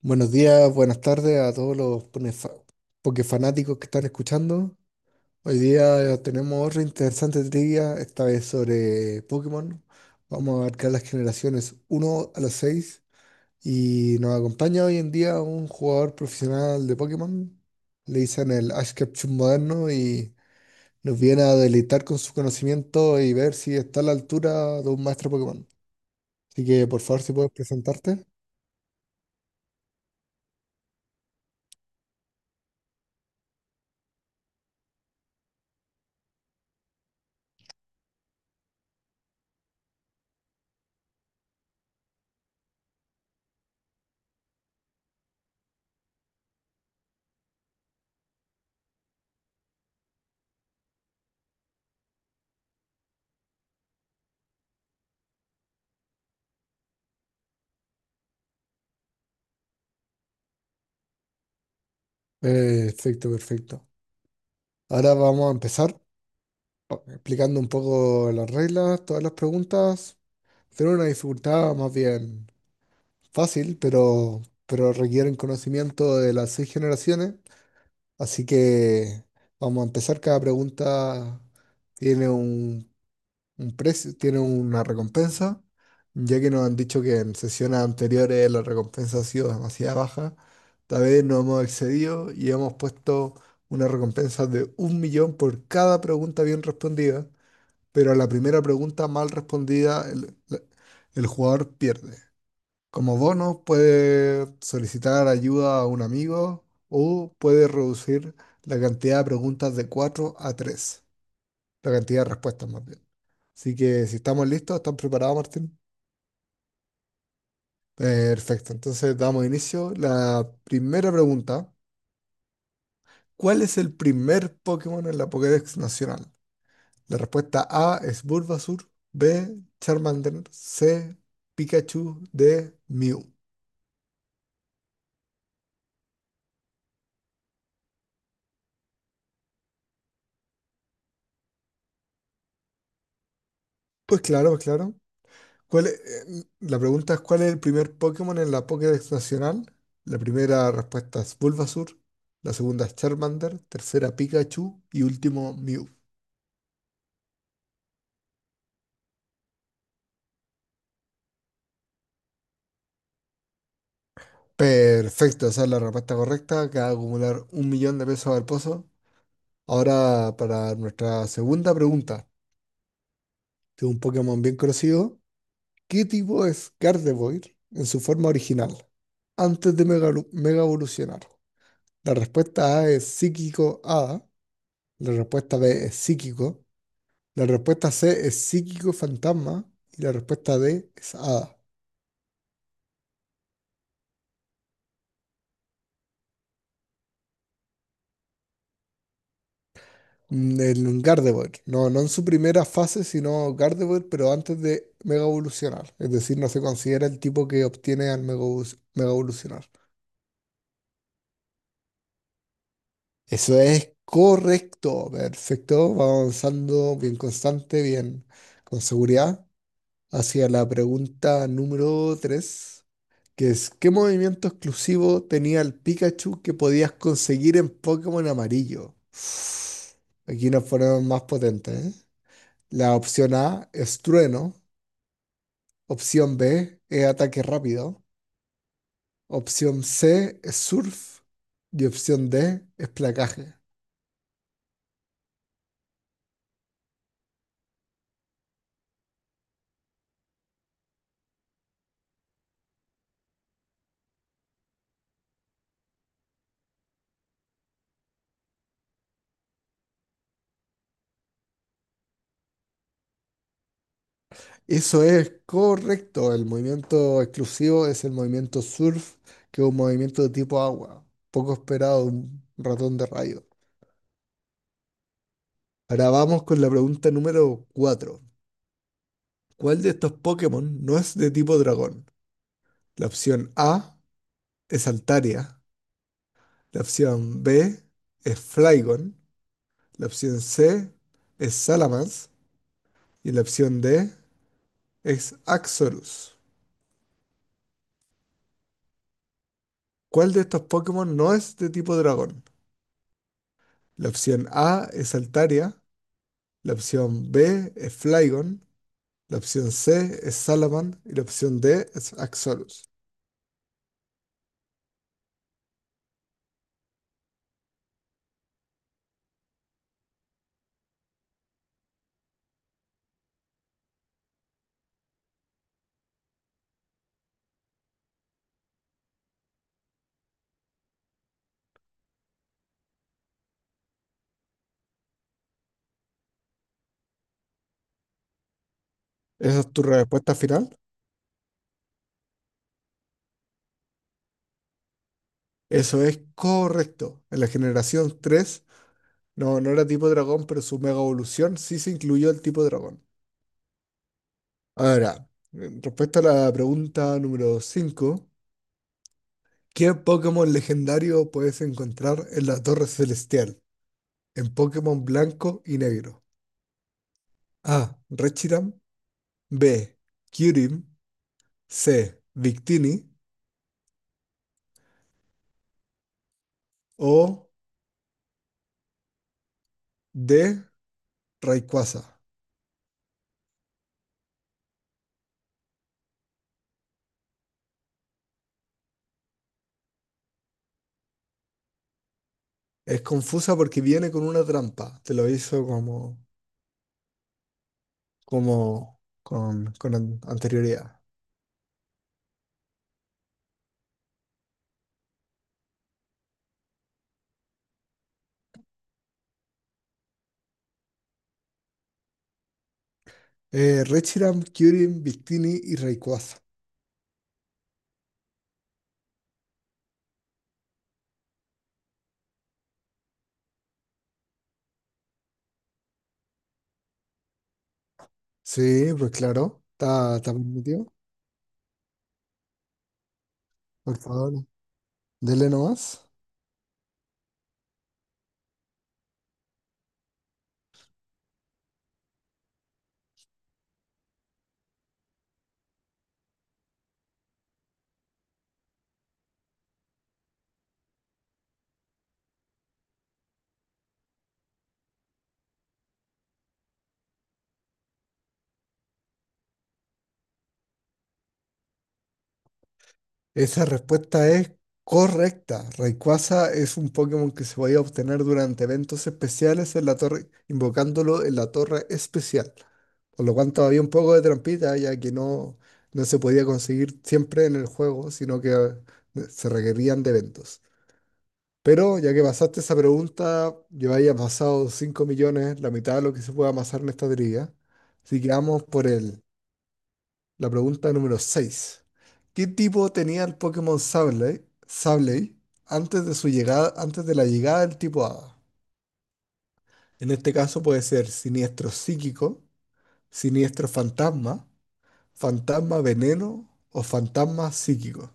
Buenos días, buenas tardes a todos los pokefanáticos que están escuchando. Hoy día tenemos otra interesante trivia, esta vez sobre Pokémon. Vamos a abarcar las generaciones uno a las 6 y nos acompaña hoy en día un jugador profesional de Pokémon. Le dicen el Ash Ketchum moderno y nos viene a deleitar con su conocimiento y ver si está a la altura de un maestro Pokémon. Así que por favor, si puedes presentarte. Perfecto, perfecto. Ahora vamos a empezar. Explicando un poco las reglas, todas las preguntas. Tienen una dificultad más bien fácil, pero requieren conocimiento de las seis generaciones. Así que vamos a empezar. Cada pregunta tiene un precio, tiene una recompensa. Ya que nos han dicho que en sesiones anteriores la recompensa ha sido demasiado baja, tal vez nos hemos excedido y hemos puesto una recompensa de 1 millón por cada pregunta bien respondida, pero a la primera pregunta mal respondida, el jugador pierde. Como bono, puede solicitar ayuda a un amigo o puede reducir la cantidad de preguntas de 4 a 3, la cantidad de respuestas más bien. Así que si estamos listos, ¿están preparados, Martín? Perfecto, entonces damos inicio. La primera pregunta, ¿cuál es el primer Pokémon en la Pokédex nacional? La respuesta A es Bulbasaur, B, Charmander, C, Pikachu, D, Mew. Pues claro, pues claro. ¿Cuál es- la pregunta es ¿cuál es el primer Pokémon en la Pokédex nacional? La primera respuesta es Bulbasaur, la segunda es Charmander, tercera Pikachu y último Mew. Perfecto, esa es la respuesta correcta. Acaba de acumular 1 millón de pesos al pozo. Ahora, para nuestra segunda pregunta, de un Pokémon bien conocido. ¿Qué tipo es Gardevoir en su forma original, antes de mega evolucionar? La respuesta A es psíquico A, la respuesta B es psíquico, la respuesta C es psíquico fantasma y la respuesta D es A. En Gardevoir, no, no en su primera fase, sino Gardevoir, pero antes de mega evolucionar. Es decir, no se considera el tipo que obtiene al mega evolucionar. Eso es correcto, perfecto. Vamos avanzando bien constante, bien con seguridad, hacia la pregunta número 3, que es, ¿qué movimiento exclusivo tenía el Pikachu que podías conseguir en Pokémon Amarillo? Aquí nos ponemos más potentes, ¿eh? La opción A es trueno, opción B es ataque rápido, opción C es surf y opción D es placaje. Eso es correcto. El movimiento exclusivo es el movimiento surf, que es un movimiento de tipo agua. Poco esperado, un ratón de rayo. Ahora vamos con la pregunta número 4. ¿Cuál de estos Pokémon no es de tipo dragón? La opción A es Altaria. La opción B es Flygon. La opción C es Salamence. Y la opción D es Axorus. ¿Cuál de estos Pokémon no es de tipo dragón? La opción A es Altaria. La opción B es Flygon. La opción C es Salaman. Y la opción D es Axolotl. ¿Esa es tu respuesta final? Eso es correcto. En la generación 3 no, no era tipo dragón, pero su mega evolución sí se incluyó el tipo dragón. Ahora, respecto a la pregunta número 5, ¿qué Pokémon legendario puedes encontrar en la Torre Celestial? En Pokémon blanco y negro. A. Rechiram. B. Kyurem. C. Victini. O de Rayquaza. Es confusa porque viene con una trampa. Te lo hizo como, como con anterioridad. Reshiram, Kyurem, Victini y Rayquaza. Sí, pues claro. Está permitido. Por favor, dele nomás. Esa respuesta es correcta. Rayquaza es un Pokémon que se podía obtener durante eventos especiales en la torre, invocándolo en la torre especial. Por lo cual todavía un poco de trampita, ya que no, no se podía conseguir siempre en el juego, sino que se requerían de eventos. Pero ya que pasaste esa pregunta, yo había pasado 5 millones, la mitad de lo que se puede amasar en esta trivia. Así que vamos por el la pregunta número 6. ¿Qué tipo tenía el Pokémon Sableye antes de su llegada, antes de la llegada del tipo Hada? En este caso puede ser siniestro psíquico, siniestro fantasma, fantasma veneno o fantasma psíquico.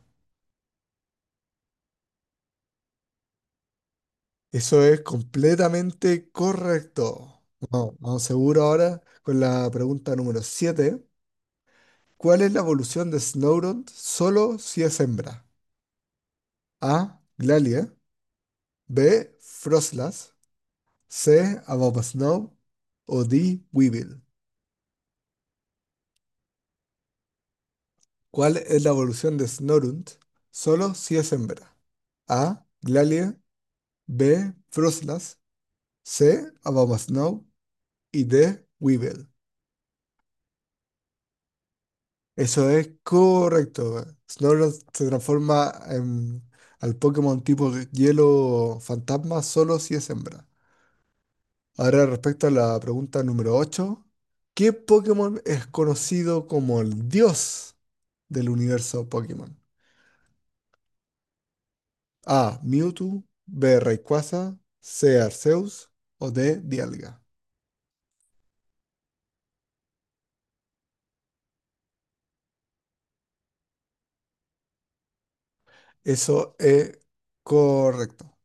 Eso es completamente correcto. Vamos, vamos seguro ahora con la pregunta número 7. ¿Cuál es la evolución de Snorunt solo si es hembra? A. Glalie. B. Froslas. C. About Snow o D. Weevil. ¿Cuál es la evolución de Snorunt? Solo si es hembra. A. Glalie. B. Froslas. C. About Snow y D. Weevil. Eso es correcto. Snorlax se transforma al Pokémon tipo hielo fantasma solo si es hembra. Ahora, respecto a la pregunta número 8, ¿qué Pokémon es conocido como el dios del universo Pokémon? A. Mewtwo. B. Rayquaza. C. Arceus. O D. Dialga. Eso es correcto.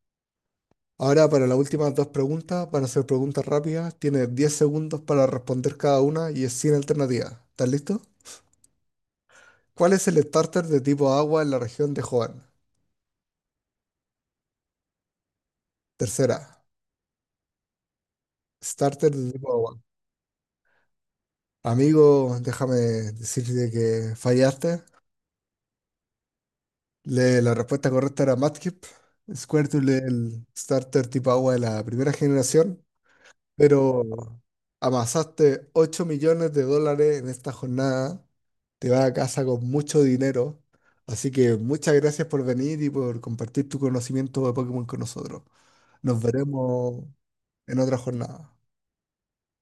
Ahora para las últimas dos preguntas, van a ser preguntas rápidas. Tienes 10 segundos para responder cada una y es sin alternativa. ¿Estás listo? ¿Cuál es el starter de tipo agua en la región de Hoenn? Tercera, starter de tipo agua. Amigo, déjame decirte que fallaste. La respuesta correcta era Mudkip. Squirtle, el starter tipo agua de la primera generación. Pero amasaste 8 millones de dólares en esta jornada. Te vas a casa con mucho dinero. Así que muchas gracias por venir y por compartir tu conocimiento de Pokémon con nosotros. Nos veremos en otra jornada.